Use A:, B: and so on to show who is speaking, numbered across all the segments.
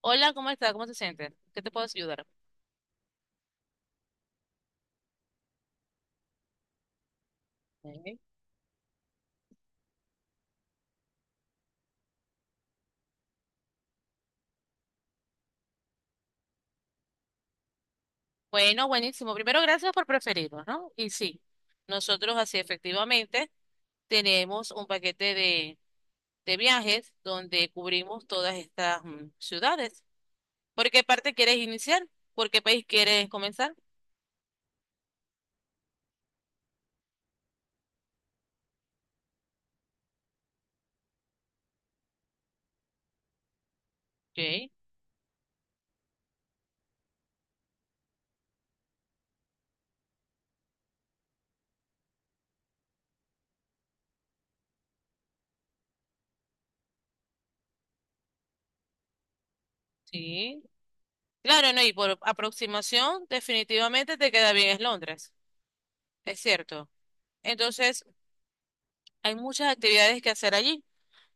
A: Hola, ¿cómo está? ¿Cómo se siente? ¿Qué te puedo ayudar? Ok. Bueno, buenísimo. Primero, gracias por preferirnos, ¿no? Y sí, nosotros así efectivamente tenemos un paquete de viajes donde cubrimos todas estas ciudades. ¿Por qué parte quieres iniciar? ¿Por qué país quieres comenzar? Ok, sí. Claro, no, y por aproximación, definitivamente te queda bien es Londres, es cierto. Entonces, hay muchas actividades que hacer allí.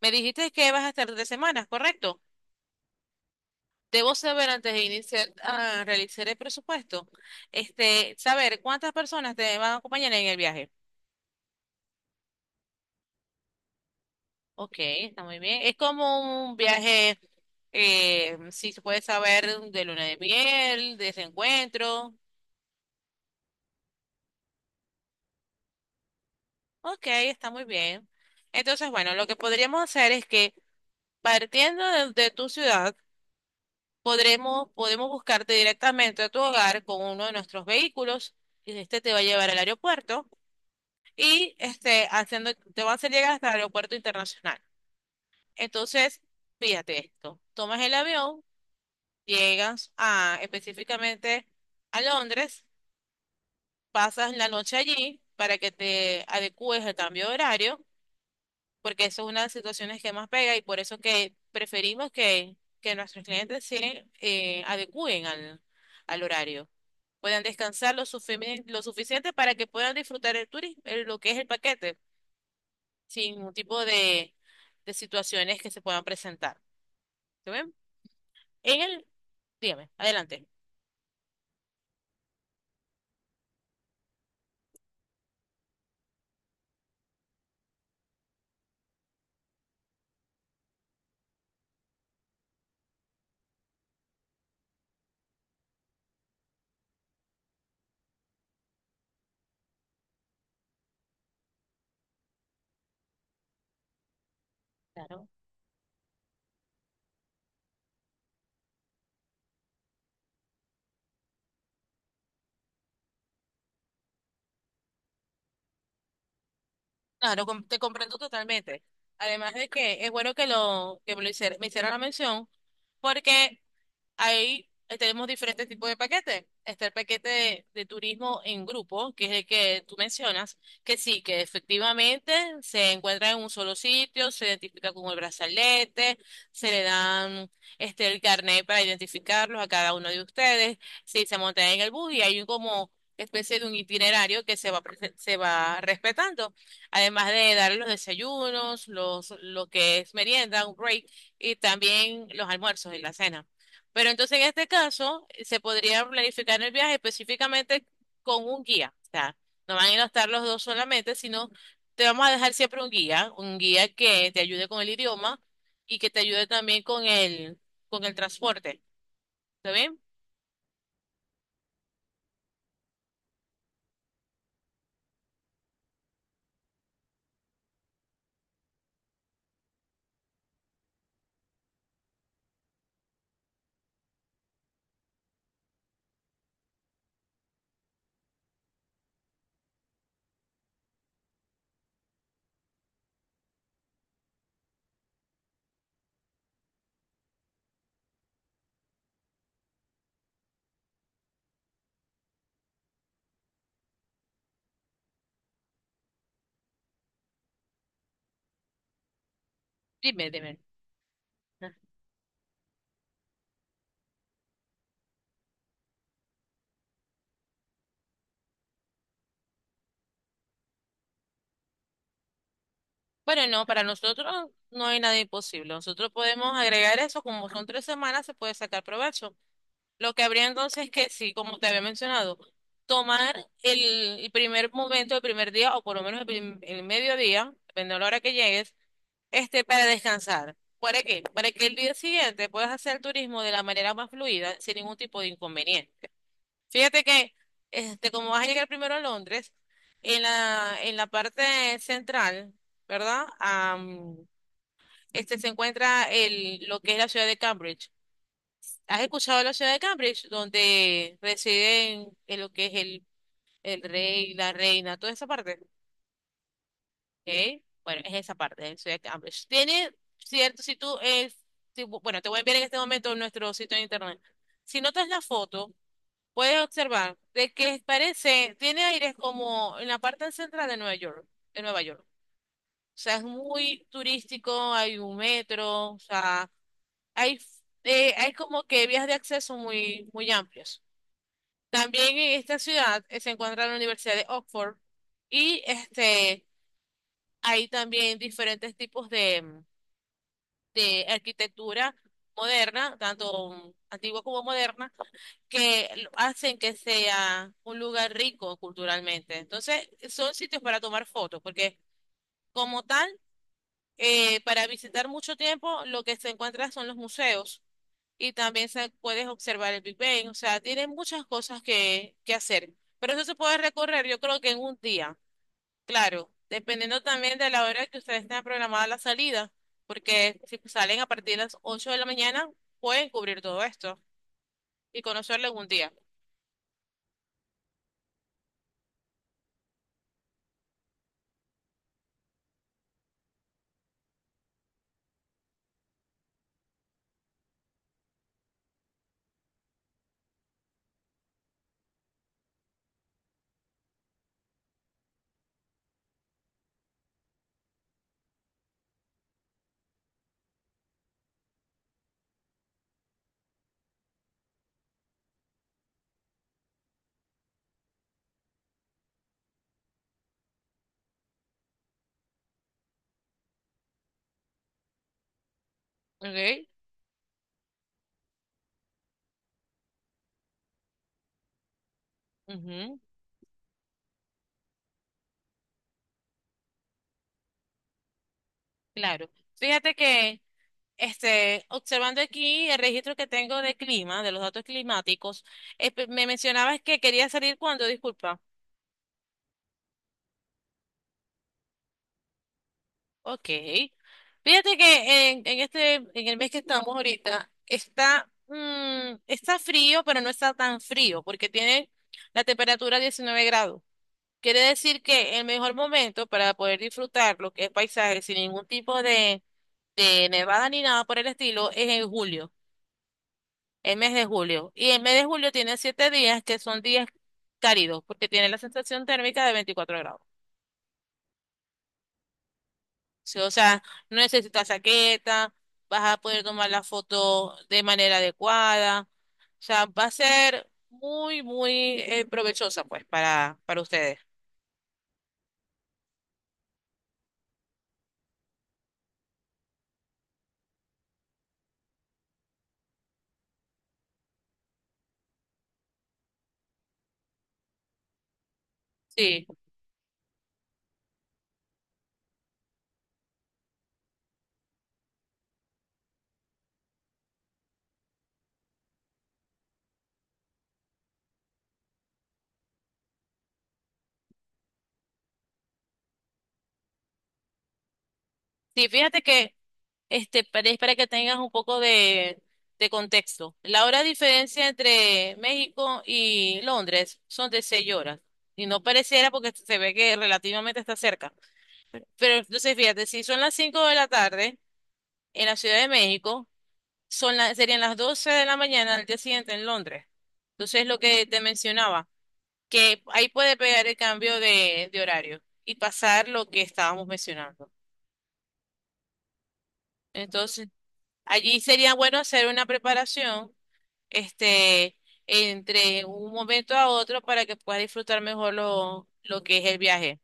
A: Me dijiste que vas a estar 3 semanas, ¿correcto? Debo saber antes de iniciar a realizar el presupuesto, saber cuántas personas te van a acompañar en el viaje. Ok, está muy bien. Es como un viaje, si se puede saber, de luna de miel, de reencuentro. Ok, está muy bien. Entonces, bueno, lo que podríamos hacer es que partiendo de tu ciudad, podemos buscarte directamente a tu hogar con uno de nuestros vehículos y este te va a llevar al aeropuerto y este, haciendo, te va a hacer llegar hasta el aeropuerto internacional. Entonces, fíjate esto, tomas el avión, llegas a, específicamente a Londres, pasas la noche allí para que te adecúes al cambio de horario, porque eso es una de las situaciones que más pega y por eso que preferimos que nuestros clientes se adecúen al horario. Puedan descansar lo suficiente para que puedan disfrutar el turismo, lo que es el paquete sin ningún tipo de situaciones que se puedan presentar. ¿Te ven? En el, dígame, adelante. Claro. Claro, te comprendo totalmente. Además de que es bueno que lo que me, lo hicier- me hicieran la mención, porque ahí tenemos diferentes tipos de paquetes. Está el paquete de turismo en grupo, que es el que tú mencionas, que sí, que efectivamente se encuentra en un solo sitio, se identifica con el brazalete, se le dan el carnet para identificarlos a cada uno de ustedes, sí, se montan en el bus y hay un como especie de un itinerario que se va, se va respetando, además de darle los desayunos, lo que es merienda, un break, y también los almuerzos y la cena. Pero entonces en este caso se podría planificar el viaje específicamente con un guía. O sea, no van a ir a estar los dos solamente, sino te vamos a dejar siempre un guía que te ayude con el idioma y que te ayude también con con el transporte. ¿Está bien? Dime, dime. Ah. Bueno, no, para nosotros no hay nada imposible. Nosotros podemos agregar eso, como son 3 semanas, se puede sacar provecho. Lo que habría entonces es que sí, como te había mencionado, tomar el primer momento, el primer día, o por lo menos el mediodía, depende de la hora que llegues, para descansar. ¿Para qué? Para que el día siguiente puedas hacer turismo de la manera más fluida, sin ningún tipo de inconveniente. Fíjate que, este, como vas a llegar primero a Londres, en en la parte central, ¿verdad? Am, este se encuentra lo que es la ciudad de Cambridge. ¿Has escuchado la ciudad de Cambridge, donde residen en lo que es el rey, la reina, toda esa parte? ¿Ok? Bueno, es esa parte, la ciudad de Cambridge. Tiene cierto, si tú, es, si- bueno, te voy a enviar en este momento nuestro sitio de internet. Si notas la foto, puedes observar de que parece, tiene aires como en la parte central de Nueva York, de Nueva York. O sea, es muy turístico, hay un metro, o sea, hay, hay como que vías de acceso muy, muy amplias. También en esta ciudad se encuentra la Universidad de Oxford y este, hay también diferentes tipos de arquitectura moderna, tanto antigua como moderna, que hacen que sea un lugar rico culturalmente. Entonces, son sitios para tomar fotos, porque como tal, para visitar mucho tiempo, lo que se encuentra son los museos y también puedes observar el Big Bang. O sea, tiene muchas cosas que hacer. Pero eso se puede recorrer, yo creo que en un día. Claro, dependiendo también de la hora que ustedes tengan programada la salida. Porque si salen a partir de las 8 de la mañana, pueden cubrir todo esto y conocerlo en un día. Ok. Ujú. Claro. Fíjate que, este, observando aquí el registro que tengo de clima, de los datos climáticos, me mencionabas que quería salir cuando, disculpa. Ok. Fíjate que en el mes que estamos ahorita, está, está frío, pero no está tan frío, porque tiene la temperatura 19 grados. Quiere decir que el mejor momento para poder disfrutar lo que es paisaje sin ningún tipo de nevada ni nada por el estilo es en julio, el mes de julio. Y el mes de julio tiene 7 días que son días cálidos, porque tiene la sensación térmica de 24 grados. Sí, o sea, no necesitas saqueta, vas a poder tomar la foto de manera adecuada. O sea, va a ser muy, muy provechosa, pues, para ustedes. Sí, sí, fíjate que este, para, es para que tengas un poco de contexto. La hora de diferencia entre México y Londres son de 6 horas. Y no pareciera porque se ve que relativamente está cerca. Pero entonces, fíjate, si son las 5 de la tarde en la Ciudad de México, serían las 12 de la mañana del día siguiente en Londres. Entonces, lo que te mencionaba, que ahí puede pegar el cambio de horario y pasar lo que estábamos mencionando. Entonces, allí sería bueno hacer una preparación, este, entre un momento a otro para que pueda disfrutar mejor lo que es el viaje.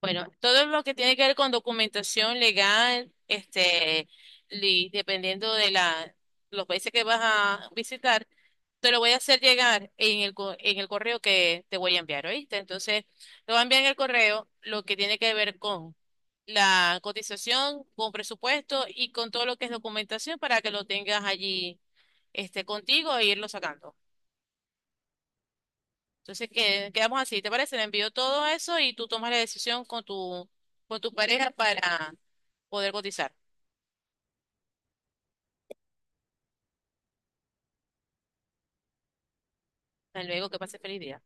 A: Bueno, todo lo que tiene que ver con documentación legal, dependiendo de los países que vas a visitar, te lo voy a hacer llegar en en el correo que te voy a enviar, ¿oíste? Entonces, te voy a enviar en el correo lo que tiene que ver con la cotización, con presupuesto y con todo lo que es documentación para que lo tengas allí, este, contigo e irlo sacando. Entonces, quedamos así, ¿te parece? Le envío todo eso y tú tomas la decisión con tu pareja para poder cotizar. Hasta luego, que pase feliz día.